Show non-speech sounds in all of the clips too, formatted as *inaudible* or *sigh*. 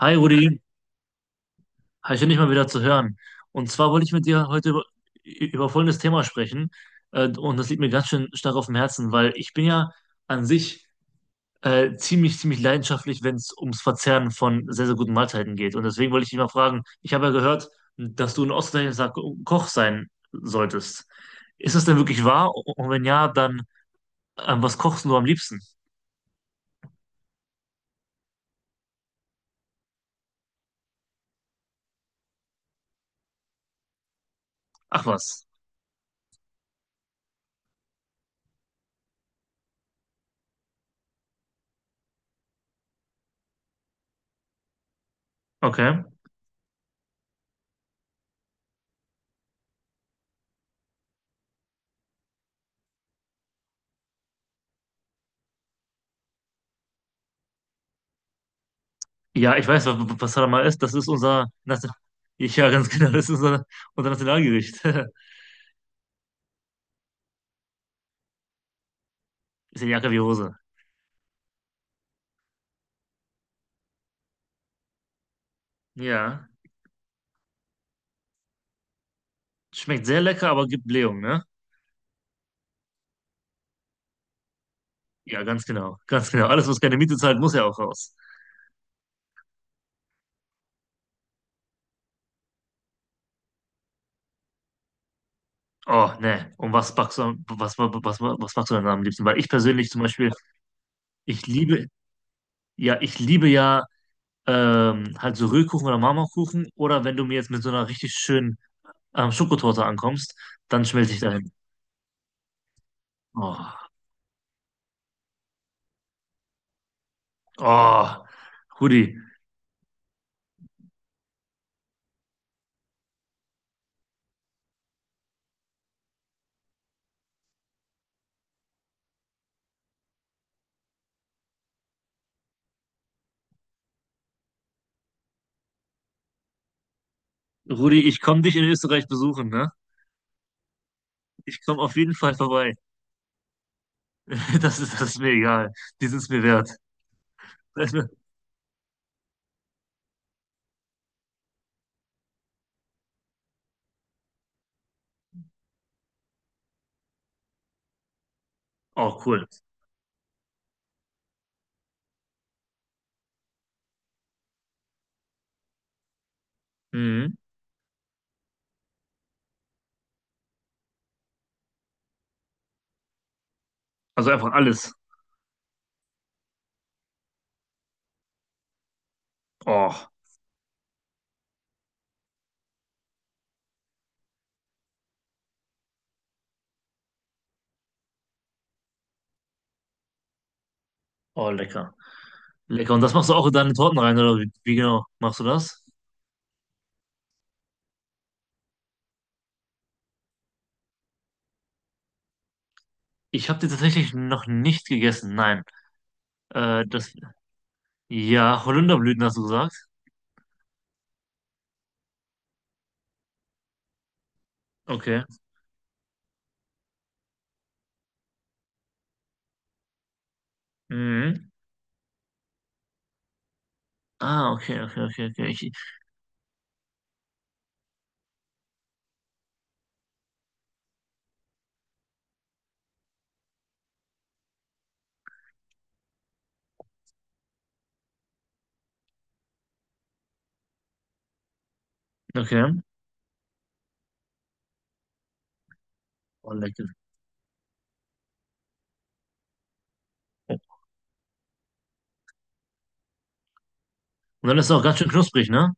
Hi Rudi, hi, schön dich mal wieder zu hören. Und zwar wollte ich mit dir heute über, über folgendes Thema sprechen. Und das liegt mir ganz schön stark auf dem Herzen, weil ich bin ja an sich ziemlich, ziemlich leidenschaftlich, wenn es ums Verzehren von sehr, sehr guten Mahlzeiten geht. Und deswegen wollte ich dich mal fragen, ich habe ja gehört, dass du ein ausgezeichneter Koch sein solltest. Ist das denn wirklich wahr? Und wenn ja, dann was kochst du am liebsten? Ach was. Okay. Ja, ich weiß, was Hadamar ist. Das ist unser, ja, ganz genau, das ist unser, unser Nationalgericht. *laughs* Ist ja Jacke wie Hose. Ja, schmeckt sehr lecker, aber gibt Blähung, ne? Ja, ganz genau, ganz genau. Alles, was keine Miete zahlt, muss ja auch raus. Oh, ne. Und was backst du, was, was backst du denn am liebsten? Weil ich persönlich zum Beispiel, ich liebe, ja, ich liebe ja halt so Rührkuchen oder Marmorkuchen. Oder wenn du mir jetzt mit so einer richtig schönen Schokotorte ankommst, dann schmelze ich dahin. Oh, oh, Rudi. Rudi, ich komme dich in Österreich besuchen, ne? Ich komme auf jeden Fall vorbei. *laughs* Das ist mir egal. Die sind es mir wert. *laughs* Das ist mir- Oh, cool. Mhm. Also einfach alles. Oh, oh, lecker. Lecker. Und das machst du auch in deine Torten rein, oder wie, wie genau machst du das? Ich habe die tatsächlich noch nicht gegessen. Nein. Äh, das, ja, Holunderblüten hast du gesagt. Okay. Mhm. Ah, okay, okay, okay, okay. Okay. Oh, lecker. Und dann ist es auch ganz schön knusprig, ne?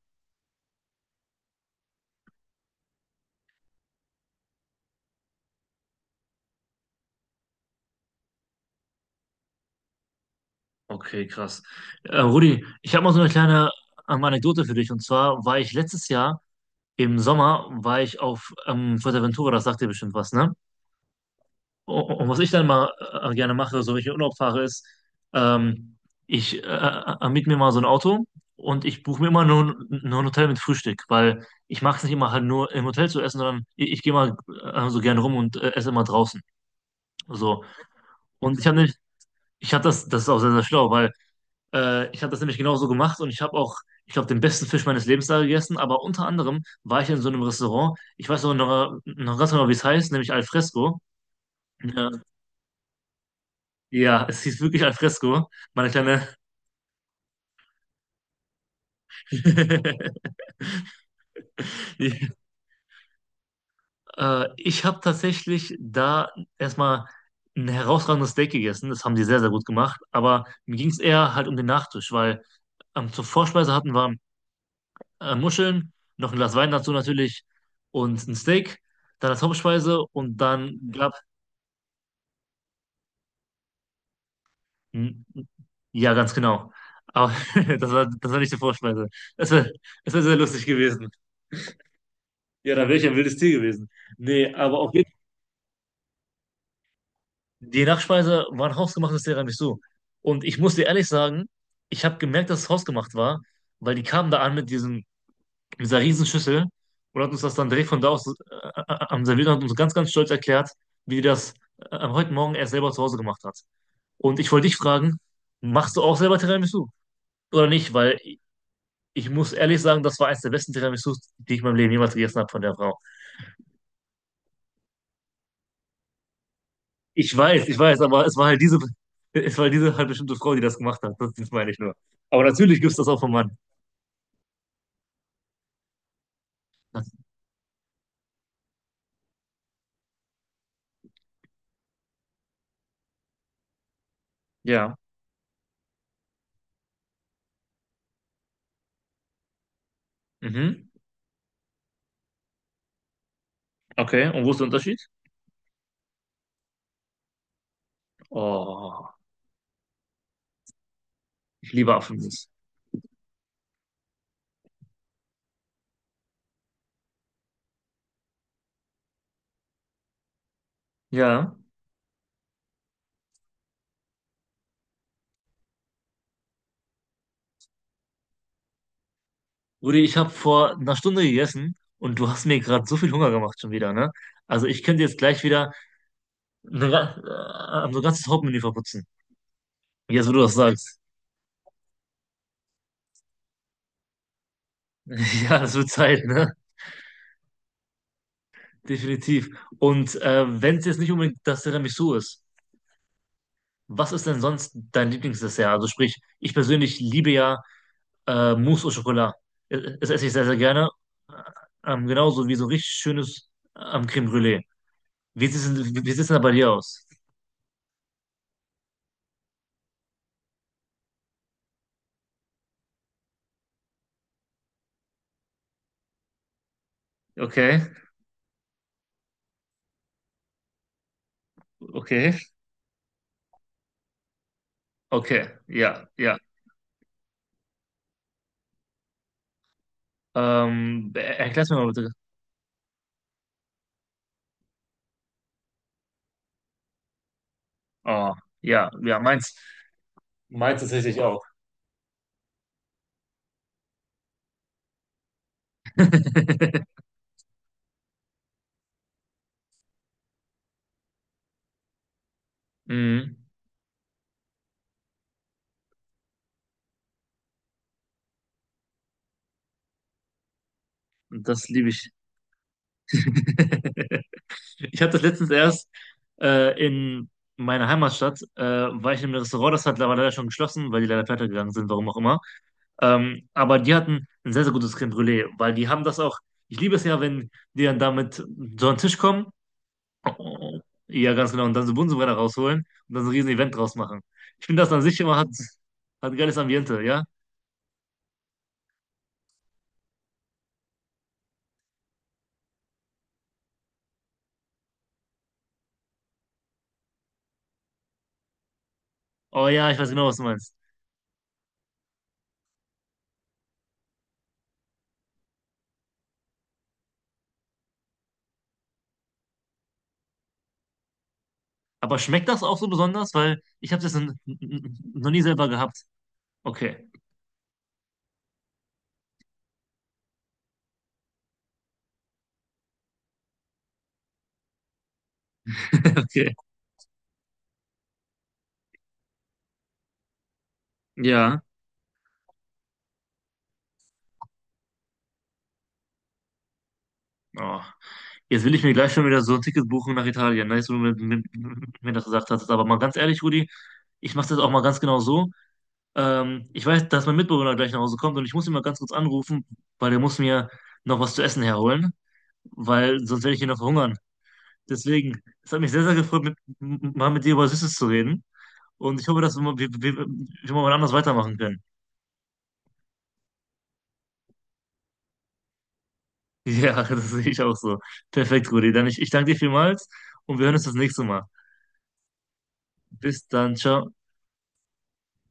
Okay, krass. Rudi, ich habe mal so eine kleine Anekdote für dich. Und zwar war ich letztes Jahr im Sommer, war ich auf Fuerteventura, das sagt dir bestimmt was, ne? Und was ich dann mal gerne mache, so wenn ich in Urlaub fahre, ist, ähm, ich miete mir mal so ein Auto und ich buche mir immer nur ein Hotel mit Frühstück, weil ich mag es nicht immer halt nur im Hotel zu essen, sondern ich gehe mal so gerne rum und esse immer draußen. So. Und ich habe nicht, ich hab das, das ist auch sehr, sehr schlau, weil ich habe das nämlich genauso gemacht und ich habe auch, ich glaube, den besten Fisch meines Lebens da gegessen. Aber unter anderem war ich in so einem Restaurant. Ich weiß auch noch ganz genau, wie es heißt, nämlich Alfresco. Ja, ja, es hieß wirklich Alfresco, meine kleine. *laughs* Ja. Ich habe tatsächlich da erstmal ein herausragendes Steak gegessen. Das haben die sehr, sehr gut gemacht. Aber mir ging es eher halt um den Nachtisch, weil zur Vorspeise hatten wir Muscheln, noch ein Glas Wein dazu natürlich und ein Steak, dann als Hauptspeise und dann n- ja, ganz genau. Aber *laughs* das war nicht die Vorspeise. Es wäre Es wär sehr lustig gewesen. Ja, dann wäre ich ein wildes Tier gewesen. Nee, aber auf jeden Fall, die Nachspeise war ein hausgemachtes Tiramisu. Und ich muss dir ehrlich sagen, ich habe gemerkt, dass es hausgemacht war, weil die kamen da an mit diesem mit dieser Riesenschüssel und hat uns das dann direkt von da aus am serviert und hat uns ganz, ganz stolz erklärt, wie das heute Morgen er selber zu Hause gemacht hat. Und ich wollte dich fragen, machst du auch selber Tiramisu oder nicht? Weil ich ich muss ehrlich sagen, das war eines der besten Tiramisus, die ich in meinem Leben jemals gegessen habe von der Frau. Ich weiß, aber es war halt *laughs* es war halt diese halt bestimmte Frau, die das gemacht hat. Das meine ich nur. Aber natürlich gibt es das auch vom Mann. Ja. Mhm. Okay. Und wo ist der Unterschied? Oh, ich liebe Apfelmus. Ja. Rudi, ich habe vor einer Stunde gegessen und du hast mir gerade so viel Hunger gemacht schon wieder, ne? Also ich könnte jetzt gleich wieder ne, ga- so ein ganzes Hauptmenü verputzen. Jetzt, wo du das sagst. *laughs* Ja, das wird Zeit, ne? Definitiv. Und wenn es jetzt nicht unbedingt das Tiramisu ist, was ist denn sonst dein Lieblingsdessert? Also sprich, ich persönlich liebe ja Mousse au Chocolat. Das esse ich sehr, sehr gerne. Äh, genauso wie so richtig schönes Crème Brûlée. Wie sieht's denn da bei dir aus? Okay, okay. Okay, ja, ja. Erklär's mir mal bitte. Oh, ja, ja, meins. Meins tatsächlich auch. *laughs* Mhm. Das liebe ich. *laughs* Ich habe das letztens erst in meiner Heimatstadt, war ich in einem Restaurant, das hat leider schon geschlossen, weil die leider pleite gegangen sind, warum auch immer. Aber die hatten ein sehr, sehr gutes Crème Brûlée, weil die haben das auch, ich liebe es ja, wenn die dann damit so an den Tisch kommen Äh, Ja, ganz genau. Und dann so Bunsenbrenner rausholen und dann so ein riesen Event draus machen. Ich finde das an sich immer hat, hat ein geiles Ambiente, ja? Oh ja, ich weiß genau, was du meinst. Aber schmeckt das auch so besonders? Weil ich habe das noch nie selber gehabt. Okay, okay. Ja. Oh. Jetzt will ich mir gleich schon wieder so ein Ticket buchen nach Italien. Nice, wo du mir das gesagt hast. Aber mal ganz ehrlich, Rudi, ich mache das auch mal ganz genau so. Ich weiß, dass mein Mitbewohner gleich nach Hause kommt und ich muss ihn mal ganz kurz anrufen, weil der muss mir noch was zu essen herholen. Weil sonst werde ich hier noch verhungern. Deswegen, es hat mich sehr, sehr gefreut, mal mit dir über Süßes zu reden. Und ich hoffe, dass wir mal wann anders weitermachen können. Ja, *laughs* das sehe ich auch so. Perfekt, Rudi. Ich danke dir vielmals und wir hören uns das nächste Mal. Bis dann, ciao.